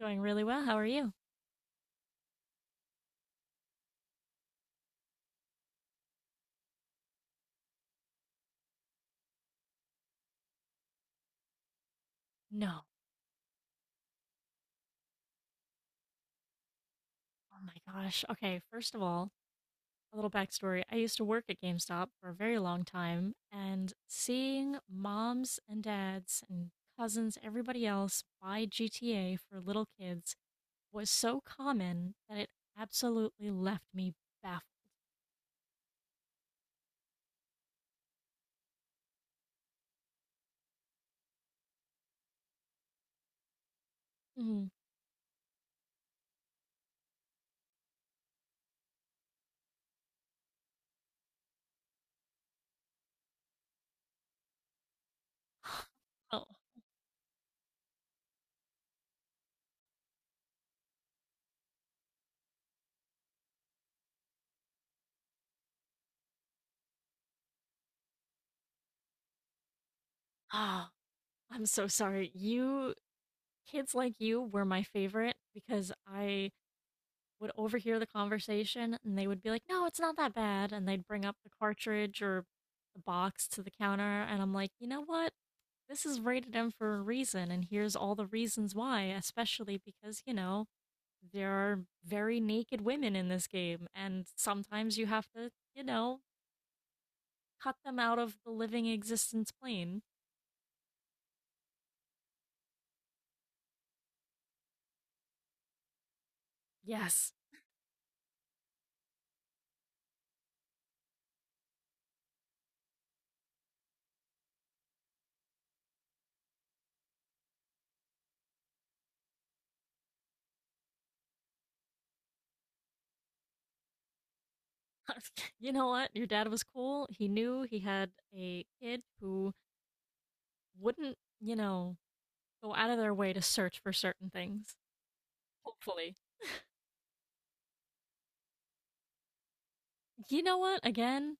Doing really well. How are you? No. Oh my gosh. Okay, first of all, a little backstory. I used to work at GameStop for a very long time, and seeing moms and dads and cousins, everybody else buy GTA for little kids was so common that it absolutely left me baffled. Mm. Oh, ah, I'm so sorry. You Kids like you were my favorite because I would overhear the conversation and they would be like, "No, it's not that bad." And they'd bring up the cartridge or the box to the counter and I'm like, "You know what? This is rated M for a reason and here's all the reasons why, especially because, there are very naked women in this game and sometimes you have to, cut them out of the living existence plane." Yes. You know what? Your dad was cool. He knew he had a kid who wouldn't, go out of their way to search for certain things. Hopefully. You know what? Again,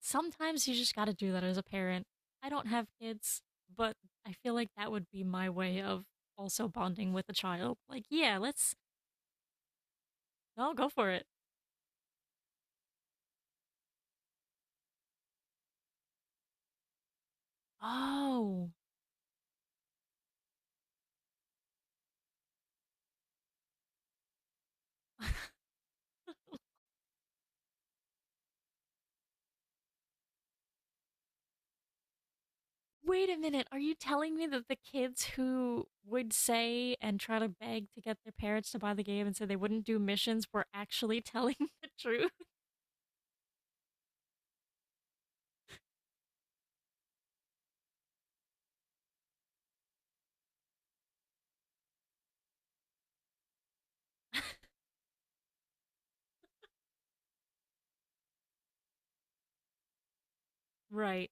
sometimes you just got to do that as a parent. I don't have kids, but I feel like that would be my way of also bonding with a child. Like, yeah, let's no, go for it. Oh. Wait a minute. Are you telling me that the kids who would say and try to beg to get their parents to buy the game and say they wouldn't do missions were actually telling the truth? Right.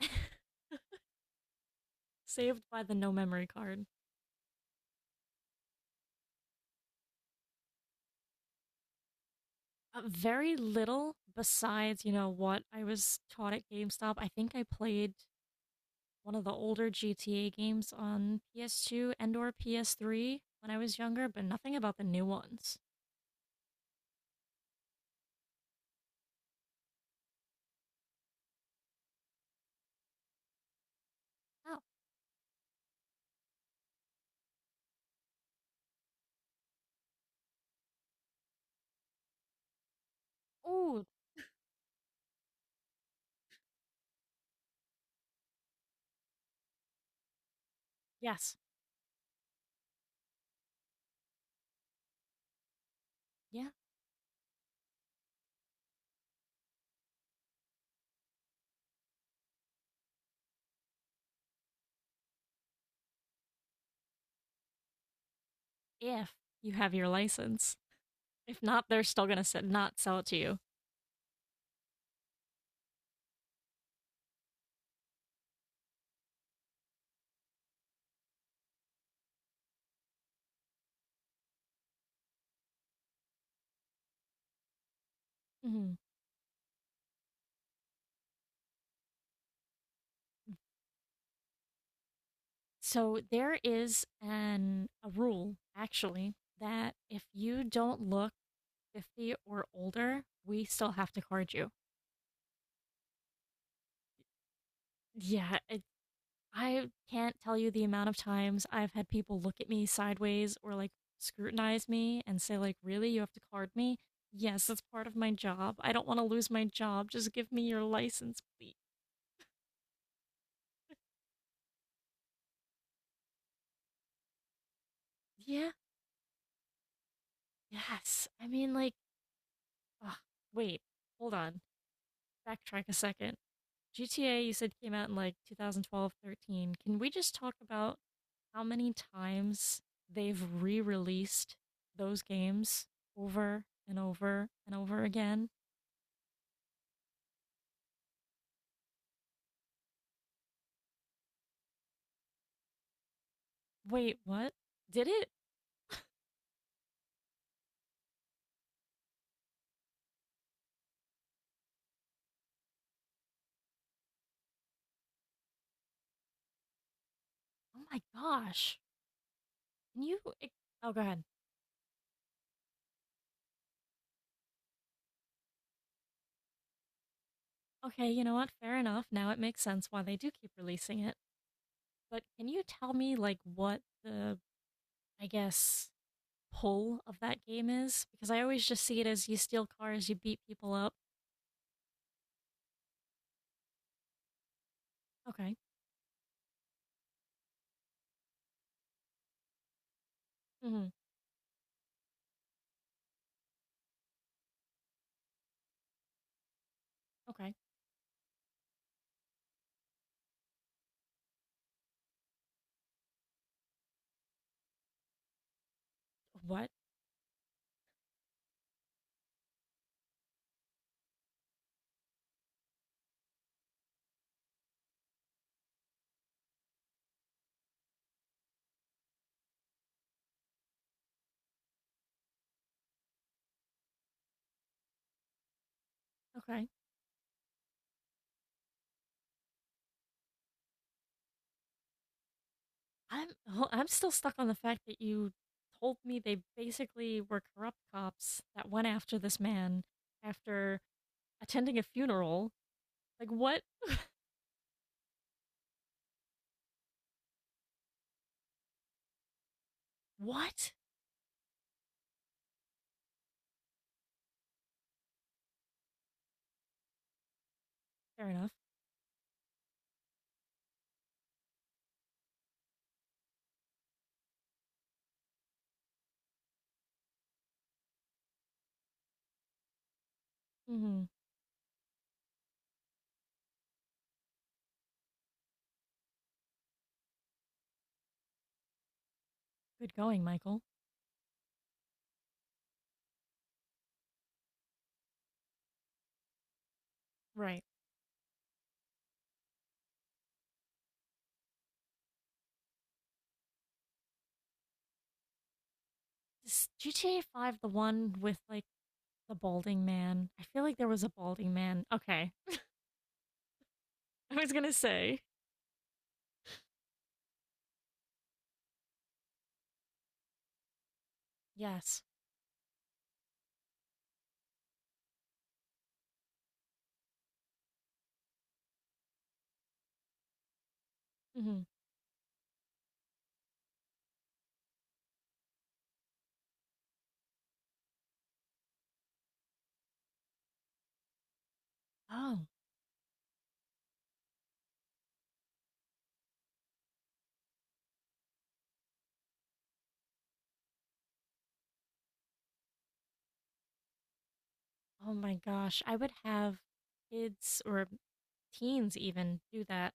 Saved by the no memory card. Very little besides, what I was taught at GameStop. I think I played one of the older GTA games on PS2 and or PS3 when I was younger, but nothing about the new ones. Oh, oh, yes. Yeah, if you have your license. If not, they're still going to not sell it to you. Hmm. So there is an a rule actually that if you don't look 50 or older, we still have to card you. Yeah, I can't tell you the amount of times I've had people look at me sideways or like scrutinize me and say like, "Really? You have to card me?" Yes, that's part of my job. I don't want to lose my job. Just give me your license, please. Yeah. Yes. I mean like, ugh, wait. Hold on. Backtrack a second. GTA you said came out in like 2012, 13. Can we just talk about how many times they've re-released those games over and over and over again? Wait, what? Did it? Oh my gosh. Can you? e, Oh, go ahead. Okay, you know what? Fair enough. Now it makes sense why they do keep releasing it. But can you tell me, like, what the, I guess, pull of that game is? Because I always just see it as you steal cars, you beat people up. Okay. Hmm. Okay. What? Okay. I'm oh, I'm still stuck on the fact that you told me they basically were corrupt cops that went after this man after attending a funeral. Like, what? What? Fair enough. Mm-hmm. Good going, Michael. Right. Is GTA 5 the one with like the balding man? I feel like there was a balding man. Okay. I was gonna say. Yes. Hmm. Oh, oh my gosh. I would have kids or teens even do that.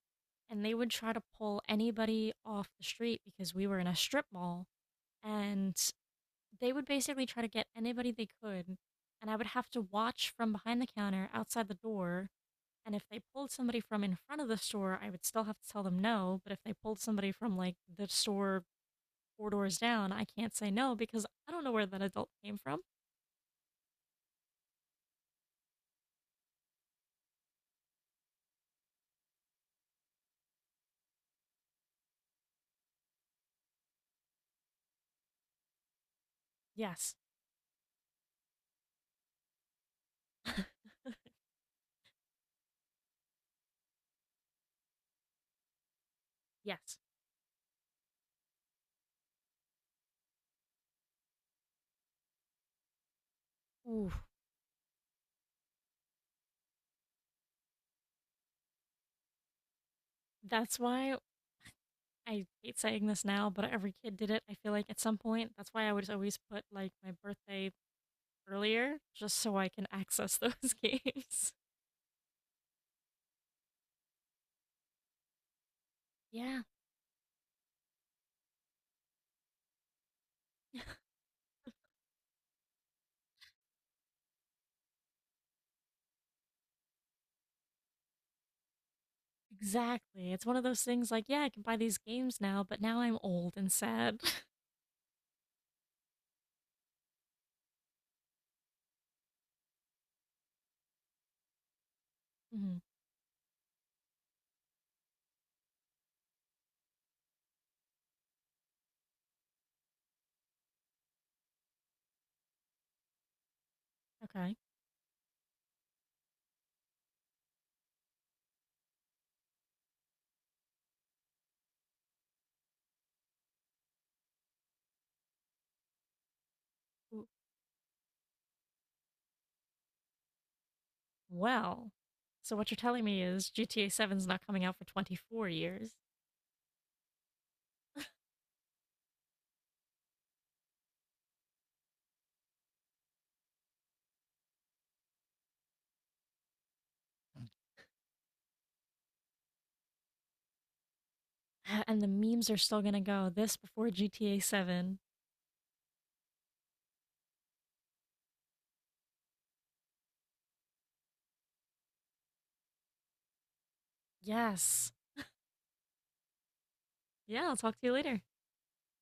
And they would try to pull anybody off the street because we were in a strip mall. And they would basically try to get anybody they could. And I would have to watch from behind the counter outside the door. And if they pulled somebody from in front of the store, I would still have to tell them no. But if they pulled somebody from like the store four doors down, I can't say no because I don't know where that adult came from. Yes. Yes. Ooh. That's why I hate saying this now, but every kid did it, I feel like, at some point. That's why I would always put, like, my birthday earlier, just so I can access those games. Yeah, exactly. It's one of those things like, yeah, I can buy these games now, but now I'm old and sad. Mhm. Okay. W- Well, so what you're telling me is GTA 7's not coming out for 24 years, and the memes are still gonna go this before GTA 7. Yes. Yeah, I'll talk to you later.